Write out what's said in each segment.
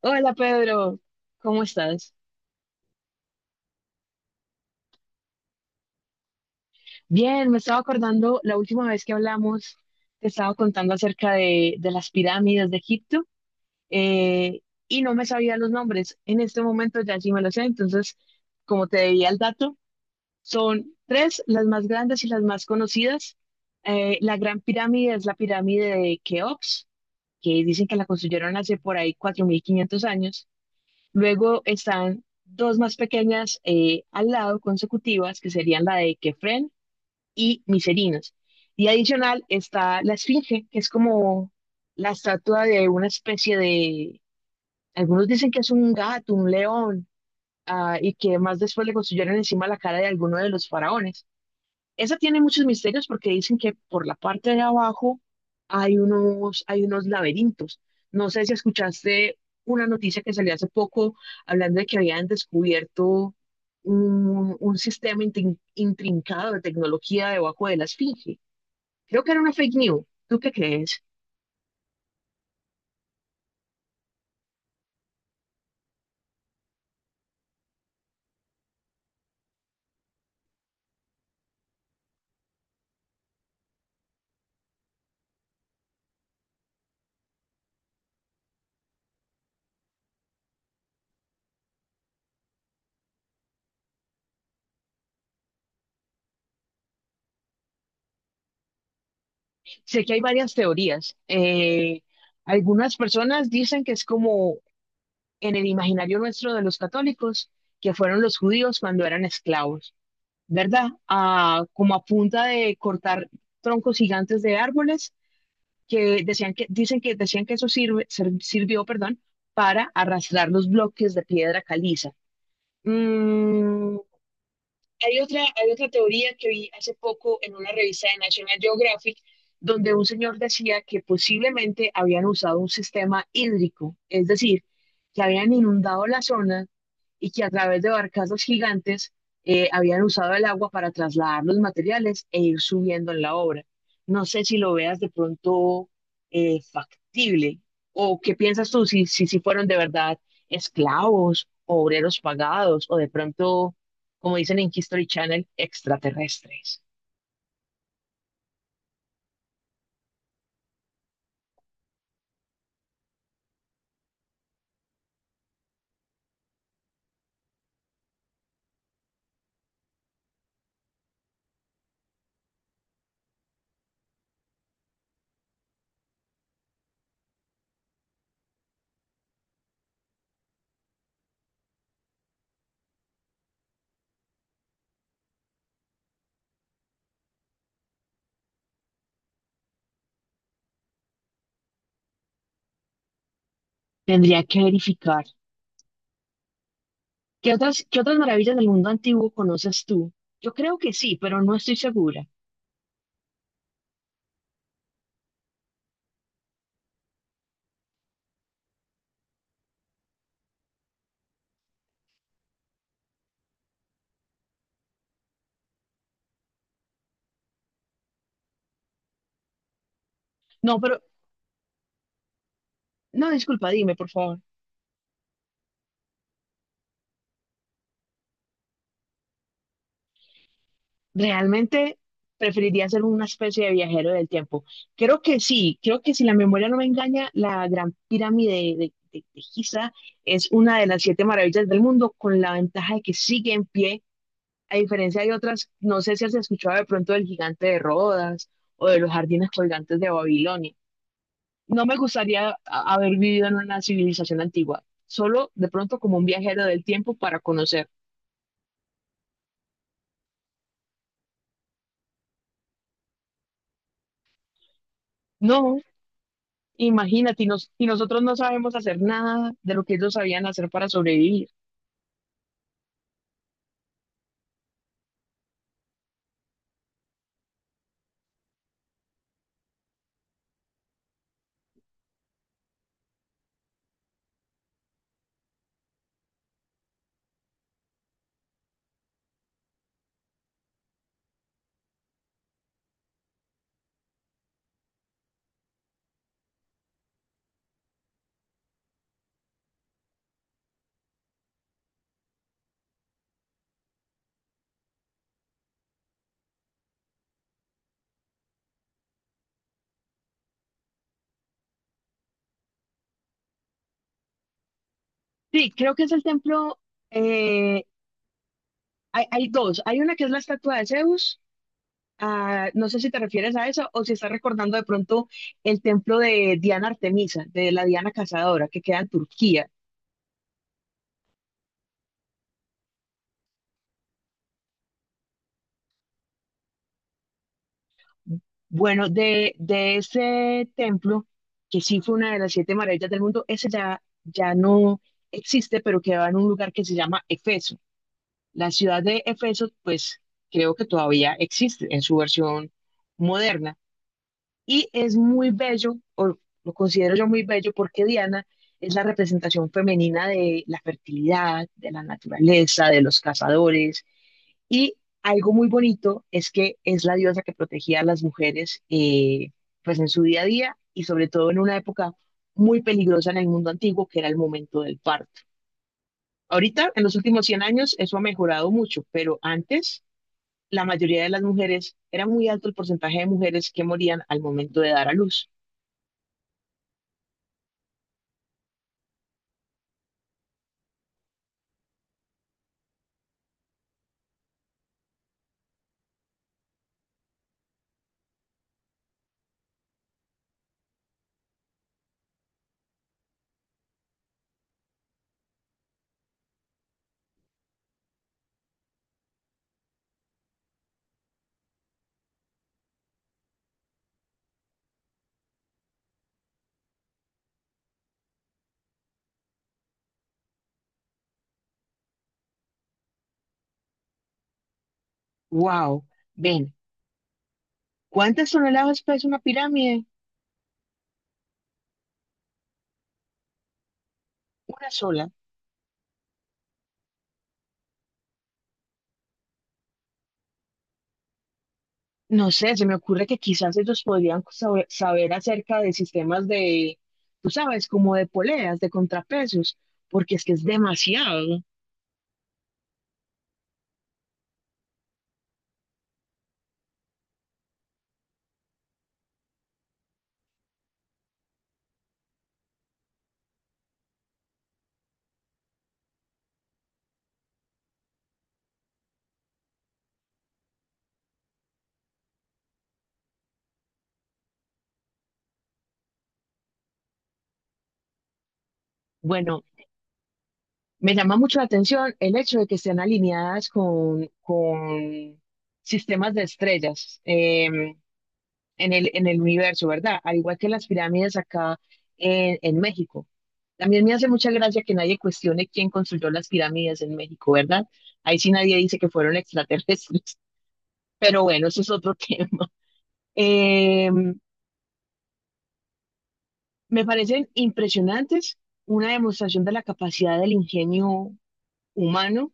Hola Pedro, ¿cómo estás? Bien, me estaba acordando la última vez que hablamos, te estaba contando acerca de las pirámides de Egipto eh, y no me sabía los nombres. En este momento ya sí me los sé, entonces, como te debía el dato, son tres las más grandes y las más conocidas. La Gran Pirámide es la pirámide de Keops, que dicen que la construyeron hace por ahí 4.500 años. Luego están dos más pequeñas, al lado consecutivas, que serían la de Kefren y Miserinos. Y adicional está la Esfinge, que es como la estatua de una especie de, algunos dicen que es un gato, un león, ah, y que más después le construyeron encima la cara de alguno de los faraones. Esa tiene muchos misterios porque dicen que por la parte de abajo hay unos laberintos. No sé si escuchaste una noticia que salió hace poco hablando de que habían descubierto un sistema intrincado de tecnología debajo de la esfinge. Creo que era una fake news. ¿Tú qué crees? Sé que hay varias teorías. Algunas personas dicen que es como en el imaginario nuestro de los católicos, que fueron los judíos cuando eran esclavos, ¿verdad? Ah, como a punta de cortar troncos gigantes de árboles que decían que, dicen que decían que eso sirvió, perdón, para arrastrar los bloques de piedra caliza. Mm, hay otra teoría que vi hace poco en una revista de National Geographic, donde un señor decía que posiblemente habían usado un sistema hídrico, es decir, que habían inundado la zona y que a través de barcazas gigantes, habían usado el agua para trasladar los materiales e ir subiendo en la obra. No sé si lo veas de pronto, factible o qué piensas tú si fueron de verdad esclavos, obreros pagados o de pronto, como dicen en History Channel, extraterrestres. Tendría que verificar. ¿Qué otras maravillas del mundo antiguo conoces tú? Yo creo que sí, pero no estoy segura. No, pero, no, disculpa, dime, por favor. Realmente preferiría ser una especie de viajero del tiempo. Creo que sí, creo que si la memoria no me engaña, la Gran Pirámide de Giza es una de las siete maravillas del mundo, con la ventaja de que sigue en pie, a diferencia de otras, no sé si has escuchado de pronto del gigante de Rodas o de los jardines colgantes de Babilonia. No me gustaría haber vivido en una civilización antigua, solo de pronto como un viajero del tiempo para conocer. No, imagínate, y nosotros no sabemos hacer nada de lo que ellos sabían hacer para sobrevivir. Sí, creo que es el templo. eh, hay dos. Hay una que es la estatua de Zeus. Ah, no sé si te refieres a eso o si estás recordando de pronto el templo de Diana Artemisa, de la Diana Cazadora, que queda en Turquía. Bueno, de ese templo, que sí fue una de las siete maravillas del mundo, ese ya no existe, pero quedaba en un lugar que se llama Efeso. La ciudad de Efeso, pues creo que todavía existe en su versión moderna y es muy bello, o lo considero yo muy bello, porque Diana es la representación femenina de la fertilidad, de la naturaleza, de los cazadores y algo muy bonito es que es la diosa que protegía a las mujeres, pues en su día a día y sobre todo en una época muy peligrosa en el mundo antiguo, que era el momento del parto. Ahorita, en los últimos 100 años, eso ha mejorado mucho, pero antes la mayoría de las mujeres, era muy alto el porcentaje de mujeres que morían al momento de dar a luz. Wow, ven, ¿cuántas toneladas pesa una pirámide? Una sola. No sé, se me ocurre que quizás ellos podrían saber acerca de sistemas de, tú sabes, como de poleas, de contrapesos, porque es que es demasiado. Bueno, me llama mucho la atención el hecho de que estén alineadas con sistemas de estrellas. En el universo, ¿verdad? Al igual que las pirámides acá en México. También me hace mucha gracia que nadie cuestione quién construyó las pirámides en México, ¿verdad? Ahí sí nadie dice que fueron extraterrestres, pero bueno, eso es otro tema. Eh, me parecen impresionantes, una demostración de la capacidad del ingenio humano,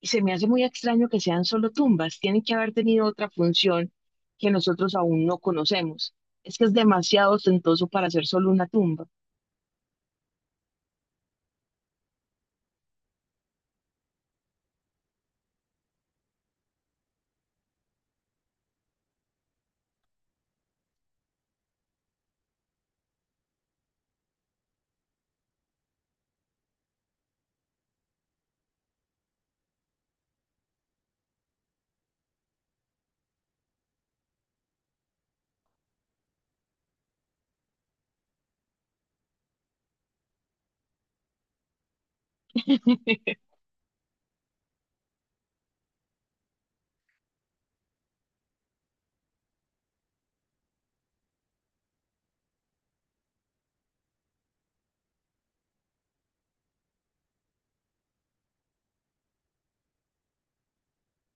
y se me hace muy extraño que sean solo tumbas, tienen que haber tenido otra función que nosotros aún no conocemos. Es que es demasiado ostentoso para ser solo una tumba.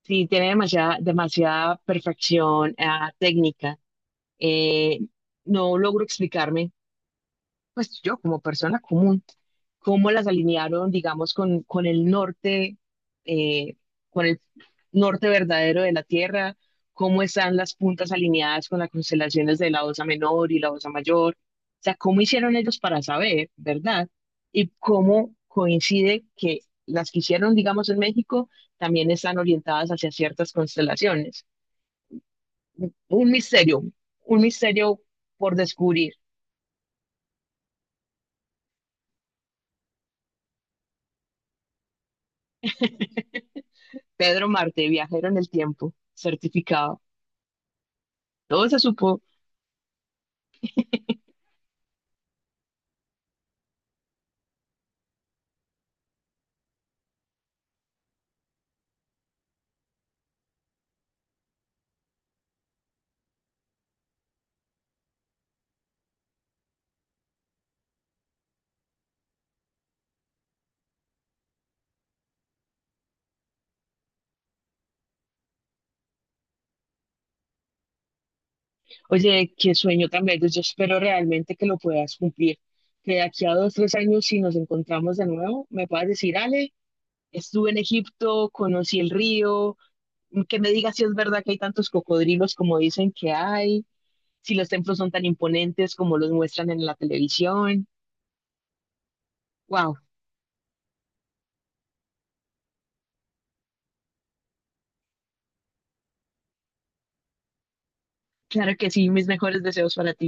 Sí, tiene demasiada, demasiada perfección, ah, técnica. Eh, no logro explicarme pues yo como persona común, cómo las alinearon, digamos, con el norte, eh, con el norte verdadero de la Tierra, cómo están las puntas alineadas con las constelaciones de la Osa Menor y la Osa Mayor, o sea, cómo hicieron ellos para saber, ¿verdad? Y cómo coincide que las que hicieron, digamos, en México también están orientadas hacia ciertas constelaciones. Un misterio, un misterio por descubrir. Pedro Marte, viajero en el tiempo, certificado. Todo se supo. Oye, qué sueño tan bello. Yo espero realmente que lo puedas cumplir. Que de aquí a dos, tres años, si nos encontramos de nuevo, me puedas decir, Ale, estuve en Egipto, conocí el río, que me digas si es verdad que hay tantos cocodrilos como dicen que hay, si los templos son tan imponentes como los muestran en la televisión. Wow, claro que sí, mis mejores deseos para ti.